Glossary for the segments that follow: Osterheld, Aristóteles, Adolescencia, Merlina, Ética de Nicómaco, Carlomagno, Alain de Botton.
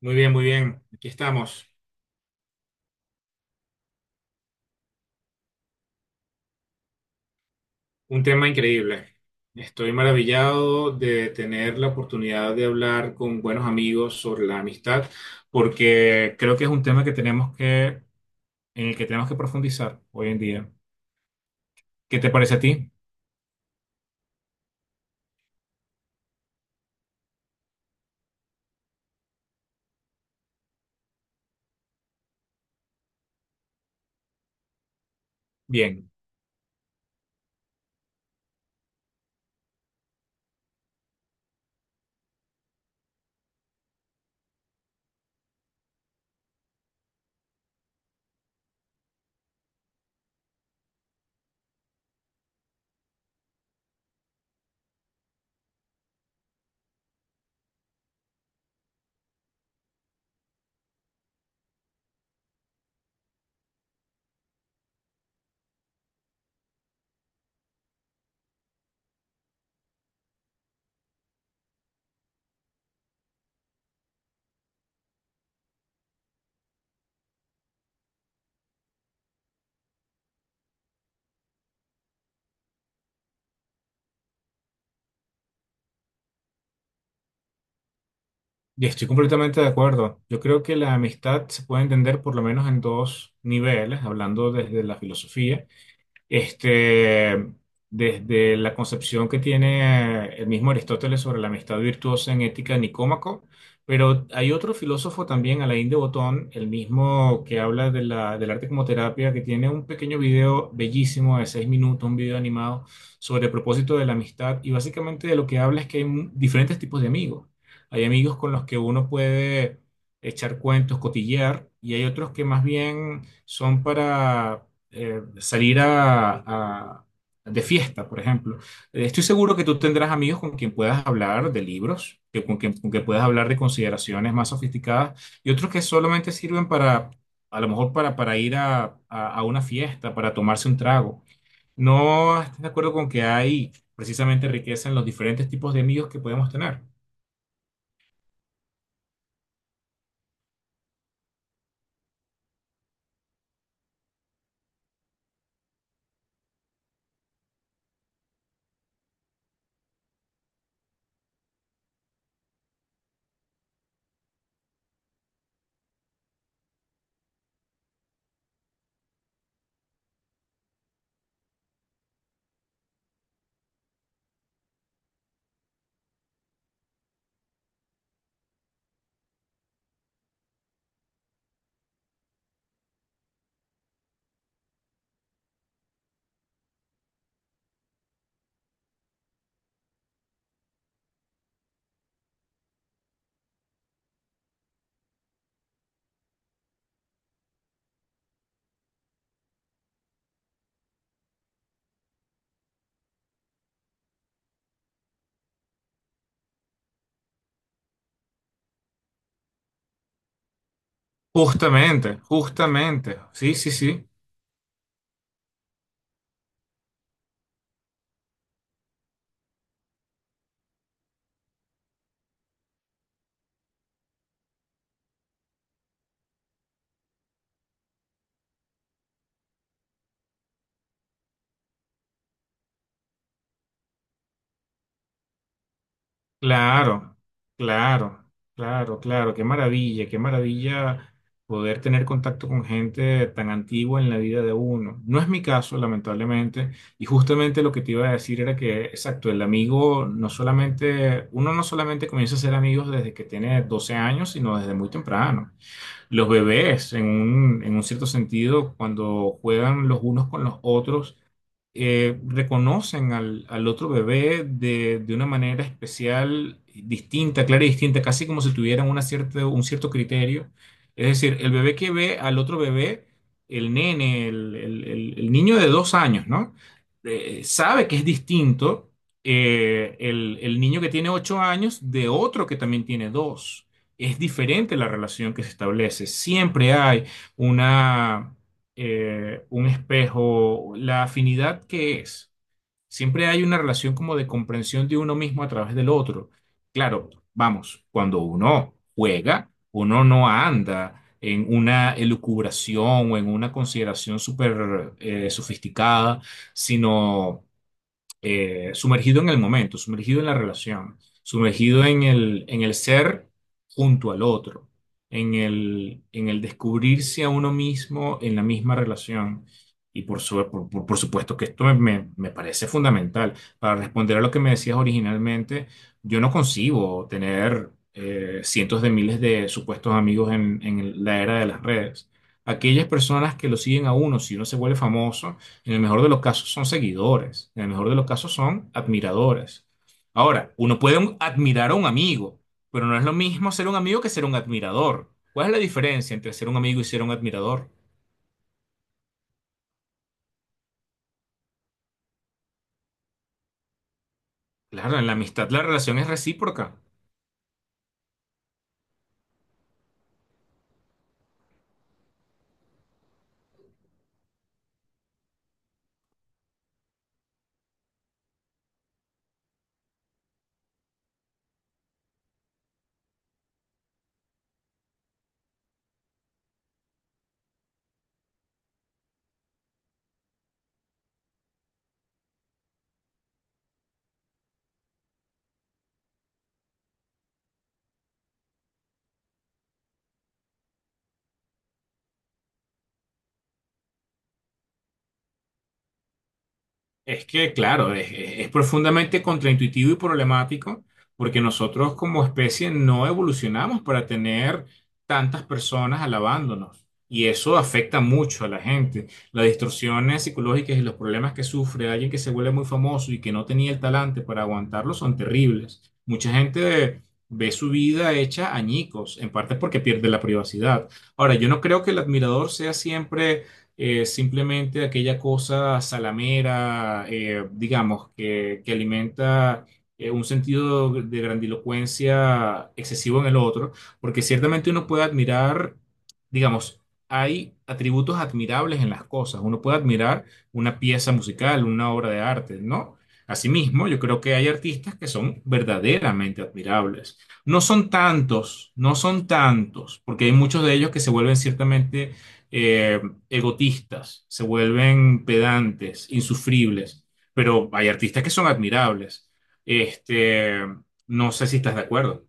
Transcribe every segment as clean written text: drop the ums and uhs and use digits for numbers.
Muy bien, muy bien. Aquí estamos. Un tema increíble. Estoy maravillado de tener la oportunidad de hablar con buenos amigos sobre la amistad, porque creo que es un tema en el que tenemos que profundizar hoy en día. ¿Qué te parece a ti? Bien. Y estoy completamente de acuerdo. Yo creo que la amistad se puede entender por lo menos en dos niveles, hablando desde la filosofía. Este, Desde la concepción que tiene el mismo Aristóteles sobre la amistad virtuosa en Ética de Nicómaco, pero hay otro filósofo también, Alain de Botton, el mismo que habla de del arte como terapia, que tiene un pequeño video bellísimo de 6 minutos, un video animado sobre el propósito de la amistad y básicamente de lo que habla es que hay diferentes tipos de amigos. Hay amigos con los que uno puede echar cuentos, cotillear, y hay otros que más bien son para salir de fiesta, por ejemplo. Estoy seguro que tú tendrás amigos con quien puedas hablar de libros, con quien puedas hablar de consideraciones más sofisticadas y otros que solamente sirven a lo mejor para ir a una fiesta, para tomarse un trago. ¿No estás de acuerdo con que hay precisamente riqueza en los diferentes tipos de amigos que podemos tener? Justamente, justamente. Sí, sí, sí. Claro, claro, claro, claro, qué maravilla poder tener contacto con gente tan antigua en la vida de uno. No es mi caso, lamentablemente, y justamente lo que te iba a decir era que, exacto, el amigo no solamente, uno no solamente comienza a ser amigos desde que tiene 12 años, sino desde muy temprano. Los bebés, en un cierto sentido, cuando juegan los unos con los otros, reconocen al otro bebé de una manera especial, distinta, clara y distinta, casi como si tuvieran un cierto criterio. Es decir, el bebé que ve al otro bebé, el nene, el niño de 2 años, ¿no? Sabe que es distinto el niño que tiene 8 años de otro que también tiene dos. Es diferente la relación que se establece. Siempre hay una un espejo, la afinidad que es. Siempre hay una relación como de comprensión de uno mismo a través del otro. Claro, vamos, cuando uno juega, uno no anda en una elucubración o en una consideración súper sofisticada, sino sumergido en el momento, sumergido en la relación, sumergido en el ser junto al otro, en el descubrirse a uno mismo en la misma relación. Y por, su- por supuesto que esto me parece fundamental. Para responder a lo que me decías originalmente, yo no concibo tener cientos de miles de supuestos amigos en la era de las redes. Aquellas personas que lo siguen a uno, si uno se vuelve famoso, en el mejor de los casos son seguidores, en el mejor de los casos son admiradores. Ahora, uno puede admirar a un amigo, pero no es lo mismo ser un amigo que ser un admirador. ¿Cuál es la diferencia entre ser un amigo y ser un admirador? Claro, en la amistad la relación es recíproca. Es que, claro, es profundamente contraintuitivo y problemático porque nosotros como especie no evolucionamos para tener tantas personas alabándonos y eso afecta mucho a la gente. Las distorsiones psicológicas y los problemas que sufre alguien que se vuelve muy famoso y que no tenía el talante para aguantarlo son terribles. Mucha gente ve su vida hecha añicos, en parte porque pierde la privacidad. Ahora, yo no creo que el admirador sea siempre simplemente aquella cosa salamera, digamos, que alimenta un sentido de grandilocuencia excesivo en el otro, porque ciertamente uno puede admirar, digamos, hay atributos admirables en las cosas, uno puede admirar una pieza musical, una obra de arte, ¿no? Asimismo, yo creo que hay artistas que son verdaderamente admirables. No son tantos, no son tantos, porque hay muchos de ellos que se vuelven ciertamente eh, egotistas, se vuelven pedantes, insufribles, pero hay artistas que son admirables. Este, no sé si estás de acuerdo.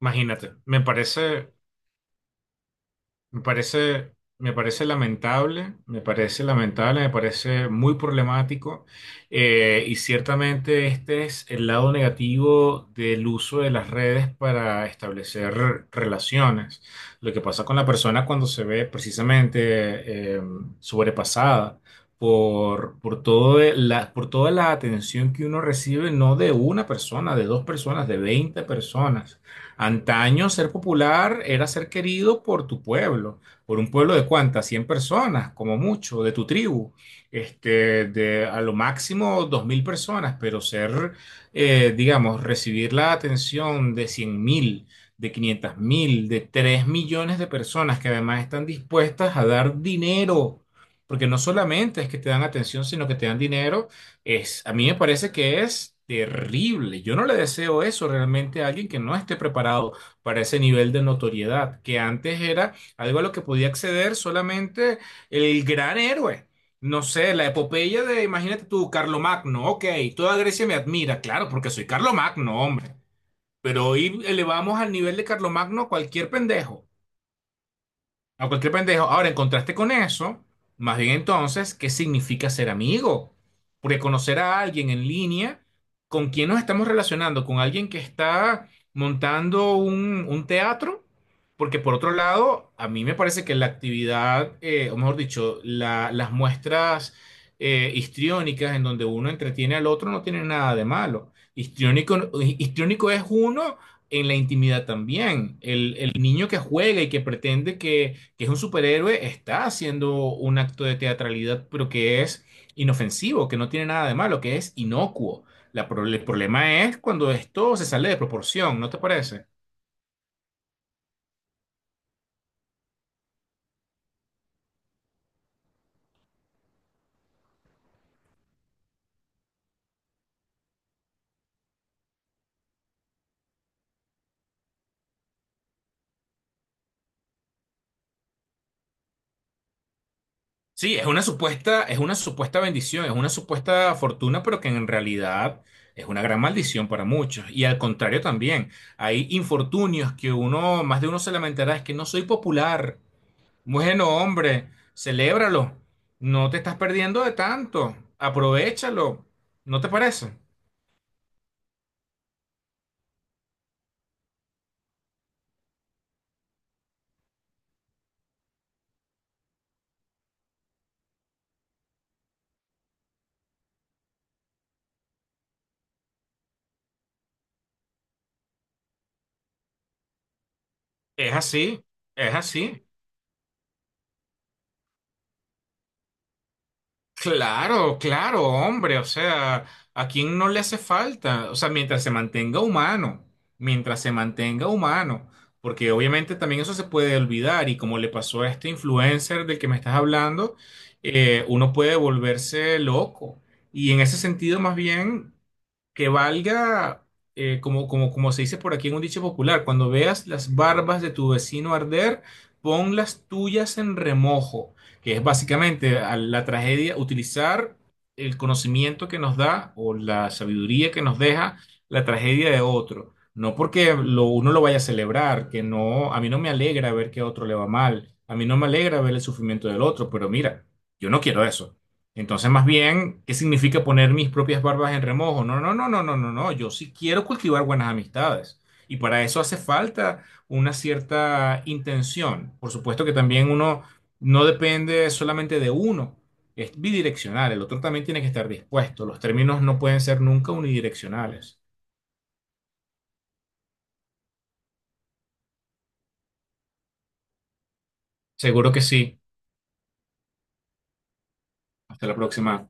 Imagínate, Me parece, me parece lamentable, me parece lamentable, me parece muy problemático y ciertamente este es el lado negativo del uso de las redes para establecer relaciones. Lo que pasa con la persona cuando se ve precisamente eh, sobrepasada por toda la atención que uno recibe, no de una persona, de dos personas, de 20 personas. Antaño ser popular era ser querido por tu pueblo, por un pueblo de cuántas, 100 personas, como mucho, de tu tribu, este, de a lo máximo 2.000 personas, pero digamos, recibir la atención de 100.000, de 500.000, de 3 millones de personas que además están dispuestas a dar dinero, porque no solamente es que te dan atención, sino que te dan dinero es, a mí me parece que es terrible. Yo no le deseo eso realmente a alguien que no esté preparado para ese nivel de notoriedad, que antes era algo a lo que podía acceder solamente el gran héroe. No sé, la epopeya de, imagínate tú, Carlomagno, ok, toda Grecia me admira, claro, porque soy Carlomagno, hombre. Pero hoy elevamos al nivel de Carlomagno a cualquier pendejo. A cualquier pendejo. Ahora, en contraste con eso, más bien entonces, ¿qué significa ser amigo? Porque conocer a alguien en línea, ¿con quién nos estamos relacionando? ¿Con alguien que está montando un teatro? Porque por otro lado, a mí me parece que la actividad, o mejor dicho, las muestras histriónicas en donde uno entretiene al otro no tienen nada de malo. Histriónico, histriónico es uno en la intimidad también. El niño que juega y que pretende que es un superhéroe está haciendo un acto de teatralidad, pero que es inofensivo, que no tiene nada de malo, que es inocuo. El problema es cuando esto se sale de proporción, ¿no te parece? Sí, es una supuesta bendición, es una supuesta fortuna, pero que en realidad es una gran maldición para muchos. Y al contrario también, hay infortunios que uno, más de uno se lamentará, es que no soy popular. Bueno, hombre, celébralo. No te estás perdiendo de tanto. Aprovechalo. ¿No te parece? Es así, es así. Claro, claro, hombre, o sea, ¿a quién no le hace falta? O sea, mientras se mantenga humano, mientras se mantenga humano, porque obviamente también eso se puede olvidar y como le pasó a este influencer del que me estás hablando, uno puede volverse loco. Y en ese sentido, más bien, que valga, como se dice por aquí en un dicho popular, cuando veas las barbas de tu vecino arder, pon las tuyas en remojo que es básicamente a la tragedia utilizar el conocimiento que nos da o la sabiduría que nos deja la tragedia de otro. No porque lo, uno lo vaya a celebrar, que no, a mí no me alegra ver que a otro le va mal, a mí no me alegra ver el sufrimiento del otro, pero mira, yo no quiero eso. Entonces, más bien, ¿qué significa poner mis propias barbas en remojo? No, no, no, no, no, no, no. Yo sí quiero cultivar buenas amistades. Y para eso hace falta una cierta intención. Por supuesto que también uno no depende solamente de uno, es bidireccional, el otro también tiene que estar dispuesto, los términos no pueden ser nunca unidireccionales. Seguro que sí. Hasta la próxima.